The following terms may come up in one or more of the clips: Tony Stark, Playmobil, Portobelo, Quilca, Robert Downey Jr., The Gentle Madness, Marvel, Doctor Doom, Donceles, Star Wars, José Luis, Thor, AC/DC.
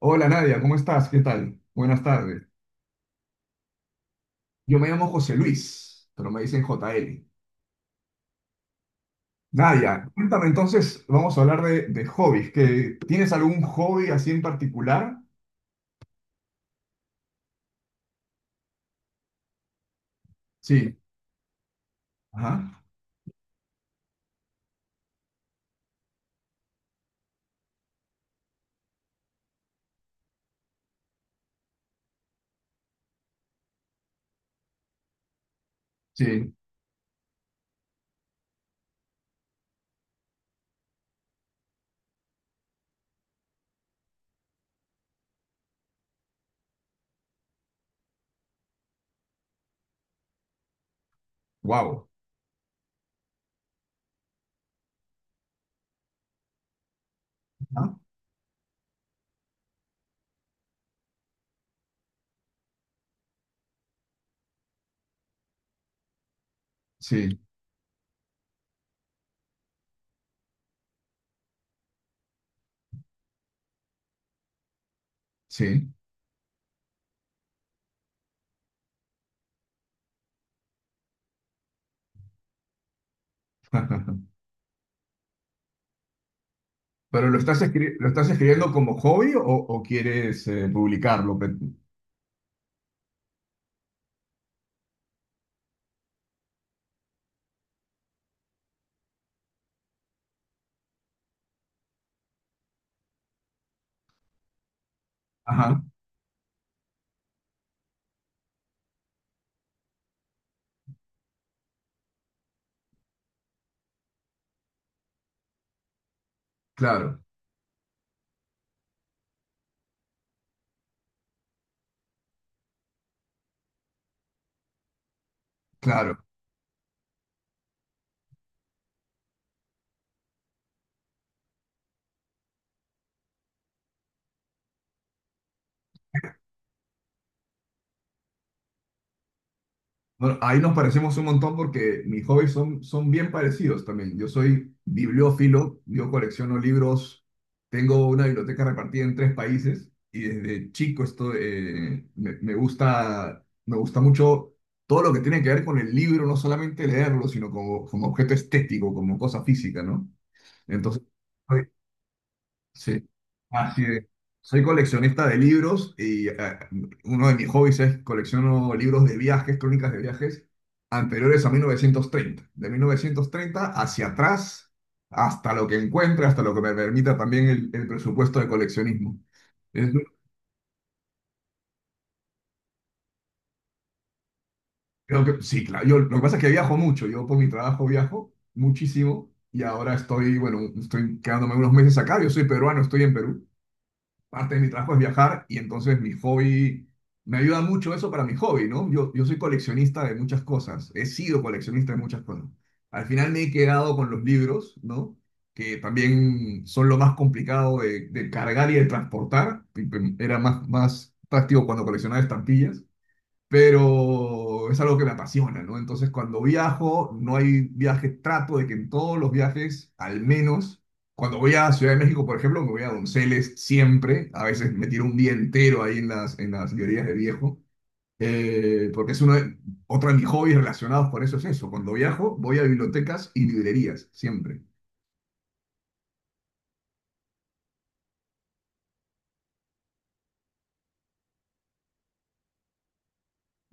Hola Nadia, ¿cómo estás? ¿Qué tal? Buenas tardes. Yo me llamo José Luis, pero me dicen J. L. Nadia, cuéntame entonces, vamos a hablar de hobbies. ¿Que tienes algún hobby así en particular? Sí. Ajá. Sí. Wow. Sí, sí. ¿Pero lo estás lo estás escribiendo como hobby o quieres publicarlo? Ajá. Claro, claro. Bueno, ahí nos parecemos un montón porque mis hobbies son bien parecidos también. Yo soy bibliófilo, yo colecciono libros, tengo una biblioteca repartida en tres países y desde chico esto me gusta mucho todo lo que tiene que ver con el libro, no solamente leerlo, sino como objeto estético, como cosa física, ¿no? Entonces, sí, así es. Soy coleccionista de libros y uno de mis hobbies es colecciono libros de viajes, crónicas de viajes anteriores a 1930. De 1930 hacia atrás, hasta lo que encuentre, hasta lo que me permita también el presupuesto de coleccionismo. Es- Creo que, sí, claro. Lo que pasa es que viajo mucho. Yo por mi trabajo viajo muchísimo y ahora bueno, estoy quedándome unos meses acá. Yo soy peruano, estoy en Perú. Parte de mi trabajo es viajar y entonces mi hobby, me ayuda mucho eso para mi hobby, ¿no? Yo soy coleccionista de muchas cosas, he sido coleccionista de muchas cosas. Al final me he quedado con los libros, ¿no? Que también son lo más complicado de cargar y de transportar. Era más, más práctico cuando coleccionaba estampillas, pero es algo que me apasiona, ¿no? Entonces, cuando viajo, no hay viajes, trato de que en todos los viajes, al menos, cuando voy a Ciudad de México, por ejemplo, me voy a Donceles siempre, a veces me tiro un día entero ahí en las librerías de viejo, porque es otro de mis hobbies relacionados con eso es eso. Cuando viajo, voy a bibliotecas y librerías, siempre.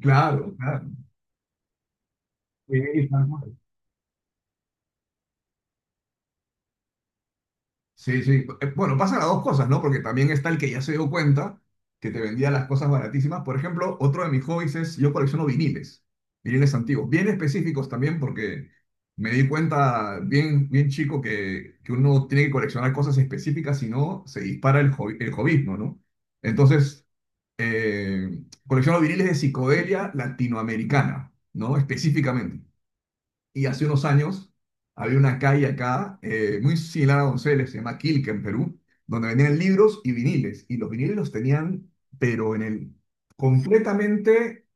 Claro, claro. Sí, sí, sí. Bueno, pasan las dos cosas, ¿no? Porque también está el que ya se dio cuenta que te vendía las cosas baratísimas. Por ejemplo, otro de mis hobbies es, yo colecciono viniles, viniles antiguos, bien específicos también porque me di cuenta bien, bien chico que uno tiene que coleccionar cosas específicas, si no, se dispara el hobbyismo, ¿no? Entonces, colecciono viniles de psicodelia latinoamericana, ¿no? Específicamente. Y hace unos años había una calle acá, muy similar a Donceles, se llama Quilca en Perú, donde vendían libros y viniles. Y los viniles los tenían, pero en el completamente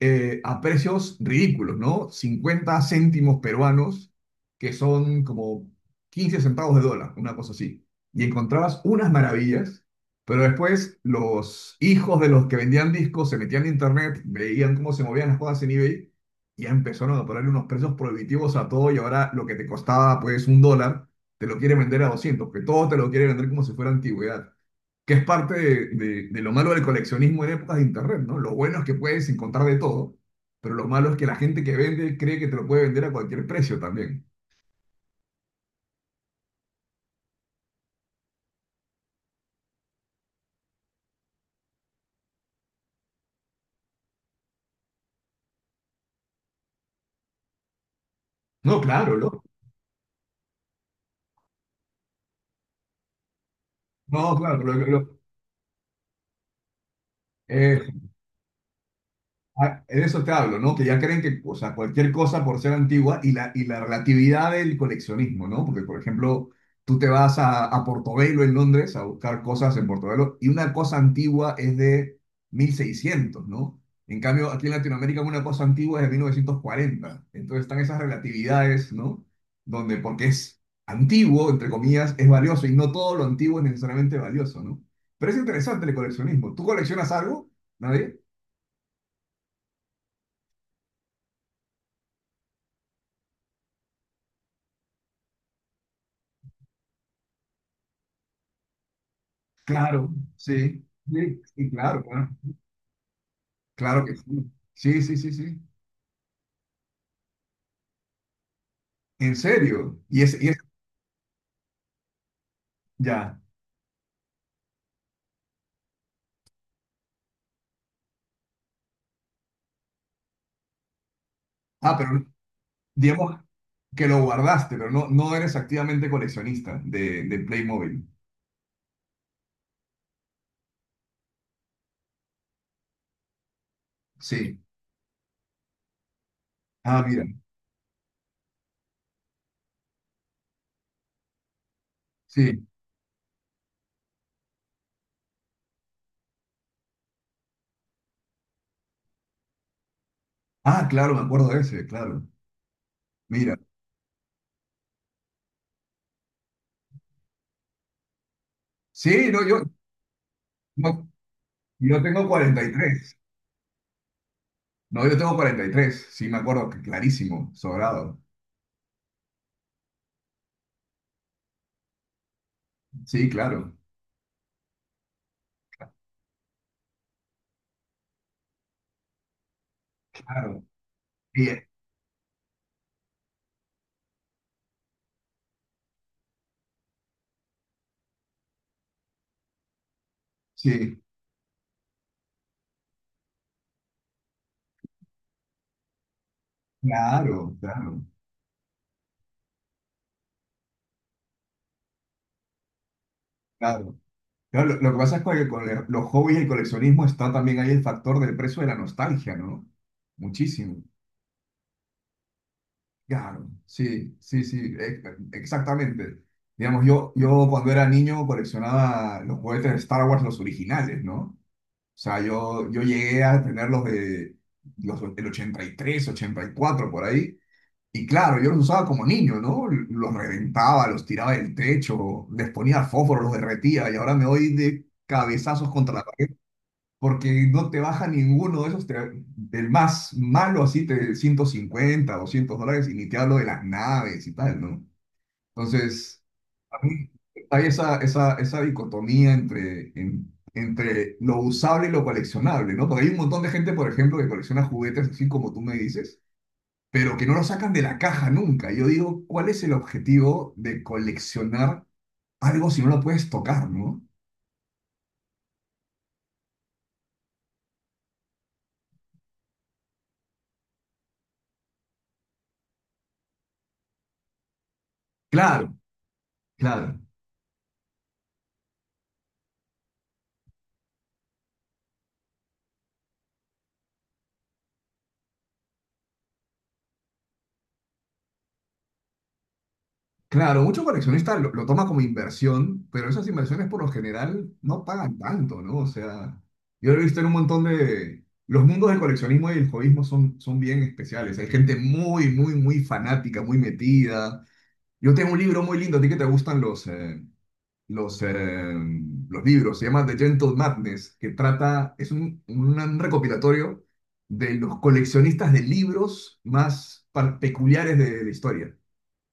a precios ridículos, ¿no? 50 céntimos peruanos, que son como 15 centavos de dólar, una cosa así. Y encontrabas unas maravillas, pero después los hijos de los que vendían discos se metían en internet, veían cómo se movían las cosas en eBay y ya empezaron a ponerle unos precios prohibitivos a todo y ahora lo que te costaba pues $1, te lo quiere vender a 200, que todo te lo quiere vender como si fuera antigüedad, que es parte de lo malo del coleccionismo en épocas de internet, ¿no? Lo bueno es que puedes encontrar de todo, pero lo malo es que la gente que vende cree que te lo puede vender a cualquier precio también. No, claro. No, claro. Ah, de eso te hablo, ¿no? Que ya creen que, o sea, cualquier cosa por ser antigua y y la relatividad del coleccionismo, ¿no? Porque, por ejemplo, tú te vas a Portobelo en Londres a buscar cosas en Portobelo, y una cosa antigua es de 1600, ¿no? En cambio, aquí en Latinoamérica una cosa antigua es de 1940. Entonces están esas relatividades, ¿no? Donde porque es antiguo, entre comillas, es valioso y no todo lo antiguo es necesariamente valioso, ¿no? Pero es interesante el coleccionismo. ¿Tú coleccionas algo? ¿Nadie? Claro, sí, sí, sí, claro, claro, claro que sí. Sí, sí, sí, sí. En serio. Y es. Ya. Ah, pero digamos que lo guardaste, pero no, no eres activamente coleccionista de Playmobil. Sí. Ah, mira. Sí. Ah, claro, me acuerdo de ese, claro. Mira. Sí, no. Yo tengo 43. No, yo tengo 43. Sí, me acuerdo, que clarísimo, sobrado. Sí, claro, claro. Sí, sí, claro, claro, claro. Claro, lo que pasa es que con los hobbies y el coleccionismo está también ahí el factor del precio de la nostalgia, ¿no? Muchísimo. Claro, sí, sí, sí, exactamente. Digamos, yo cuando era niño coleccionaba los juguetes de Star Wars, los originales, ¿no? O sea, yo llegué a tener los de el 83, 84 por ahí. Y claro, yo los usaba como niño, ¿no? Los reventaba, los tiraba del techo, les ponía fósforo, los derretía y ahora me doy de cabezazos contra la porque no te baja ninguno de esos, del más malo así, te 150 $200, y ni te hablo de las naves y tal, ¿no? Entonces, a mí hay esa dicotomía entre, entre lo usable y lo coleccionable, ¿no? Porque hay un montón de gente, por ejemplo, que colecciona juguetes, así como tú me dices, pero que no lo sacan de la caja nunca. Yo digo, ¿cuál es el objetivo de coleccionar algo si no lo puedes tocar, ¿no? Claro. Claro. Claro, muchos coleccionistas lo toman como inversión, pero esas inversiones por lo general no pagan tanto, ¿no? O sea, yo lo he visto en un montón de... Los mundos del coleccionismo y del hobbyismo son, son bien especiales. Hay gente muy, muy, muy fanática, muy metida. Yo tengo un libro muy lindo, a ti que te gustan los, eh, los libros, se llama The Gentle Madness, que trata, es un recopilatorio de los coleccionistas de libros más peculiares de la historia.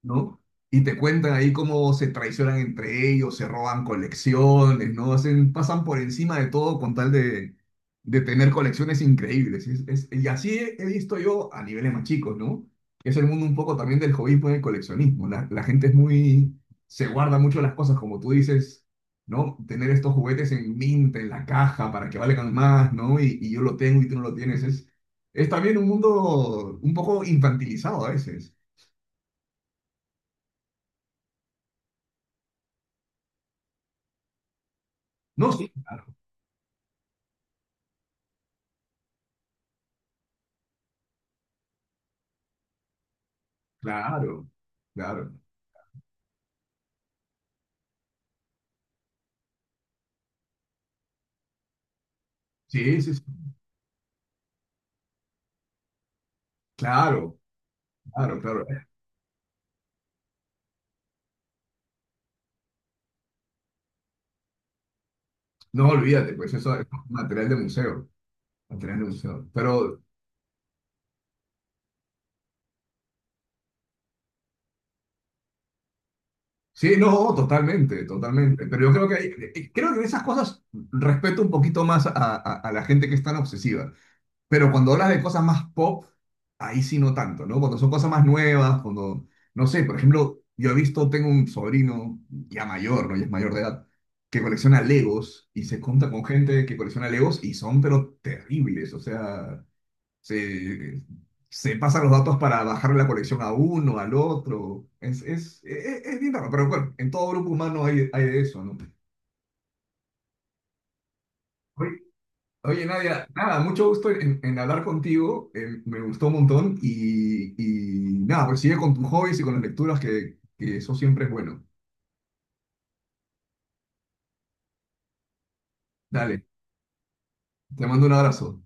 ¿No? Y te cuentan ahí cómo se traicionan entre ellos, se roban colecciones, ¿no? Hacen, pasan por encima de todo con tal de tener colecciones increíbles. Y así he visto yo a niveles más chicos, ¿no? Es el mundo un poco también del hobbyismo y del coleccionismo. La gente es muy, se guarda mucho las cosas, como tú dices, ¿no? Tener estos juguetes en mint, en la caja, para que valgan más, ¿no? Y yo lo tengo y tú no lo tienes. Es también un mundo un poco infantilizado a veces. No, sí. Claro, claro. Sí, sí, sí. Claro, claro, claro. No, olvídate, pues eso es material de museo, material de museo. Pero sí, no, totalmente, totalmente. Pero yo creo que creo que en esas cosas respeto un poquito más a la gente que es tan obsesiva. Pero cuando hablas de cosas más pop, ahí sí no tanto, ¿no? Cuando son cosas más nuevas, cuando, no sé, por ejemplo, yo he visto, tengo un sobrino ya mayor, ¿no? Ya es mayor de edad, que colecciona Legos y se junta con gente que colecciona Legos y son, pero terribles, o sea, se, se pasan los datos para bajar la colección a uno, al otro, es bien raro, pero bueno, en todo grupo humano hay de eso, ¿no? Oye, Oye, Nadia, nada, mucho gusto en hablar contigo, me gustó un montón y nada, pues sigue con tus hobbies y con las lecturas que eso siempre es bueno. Dale, te mando un abrazo.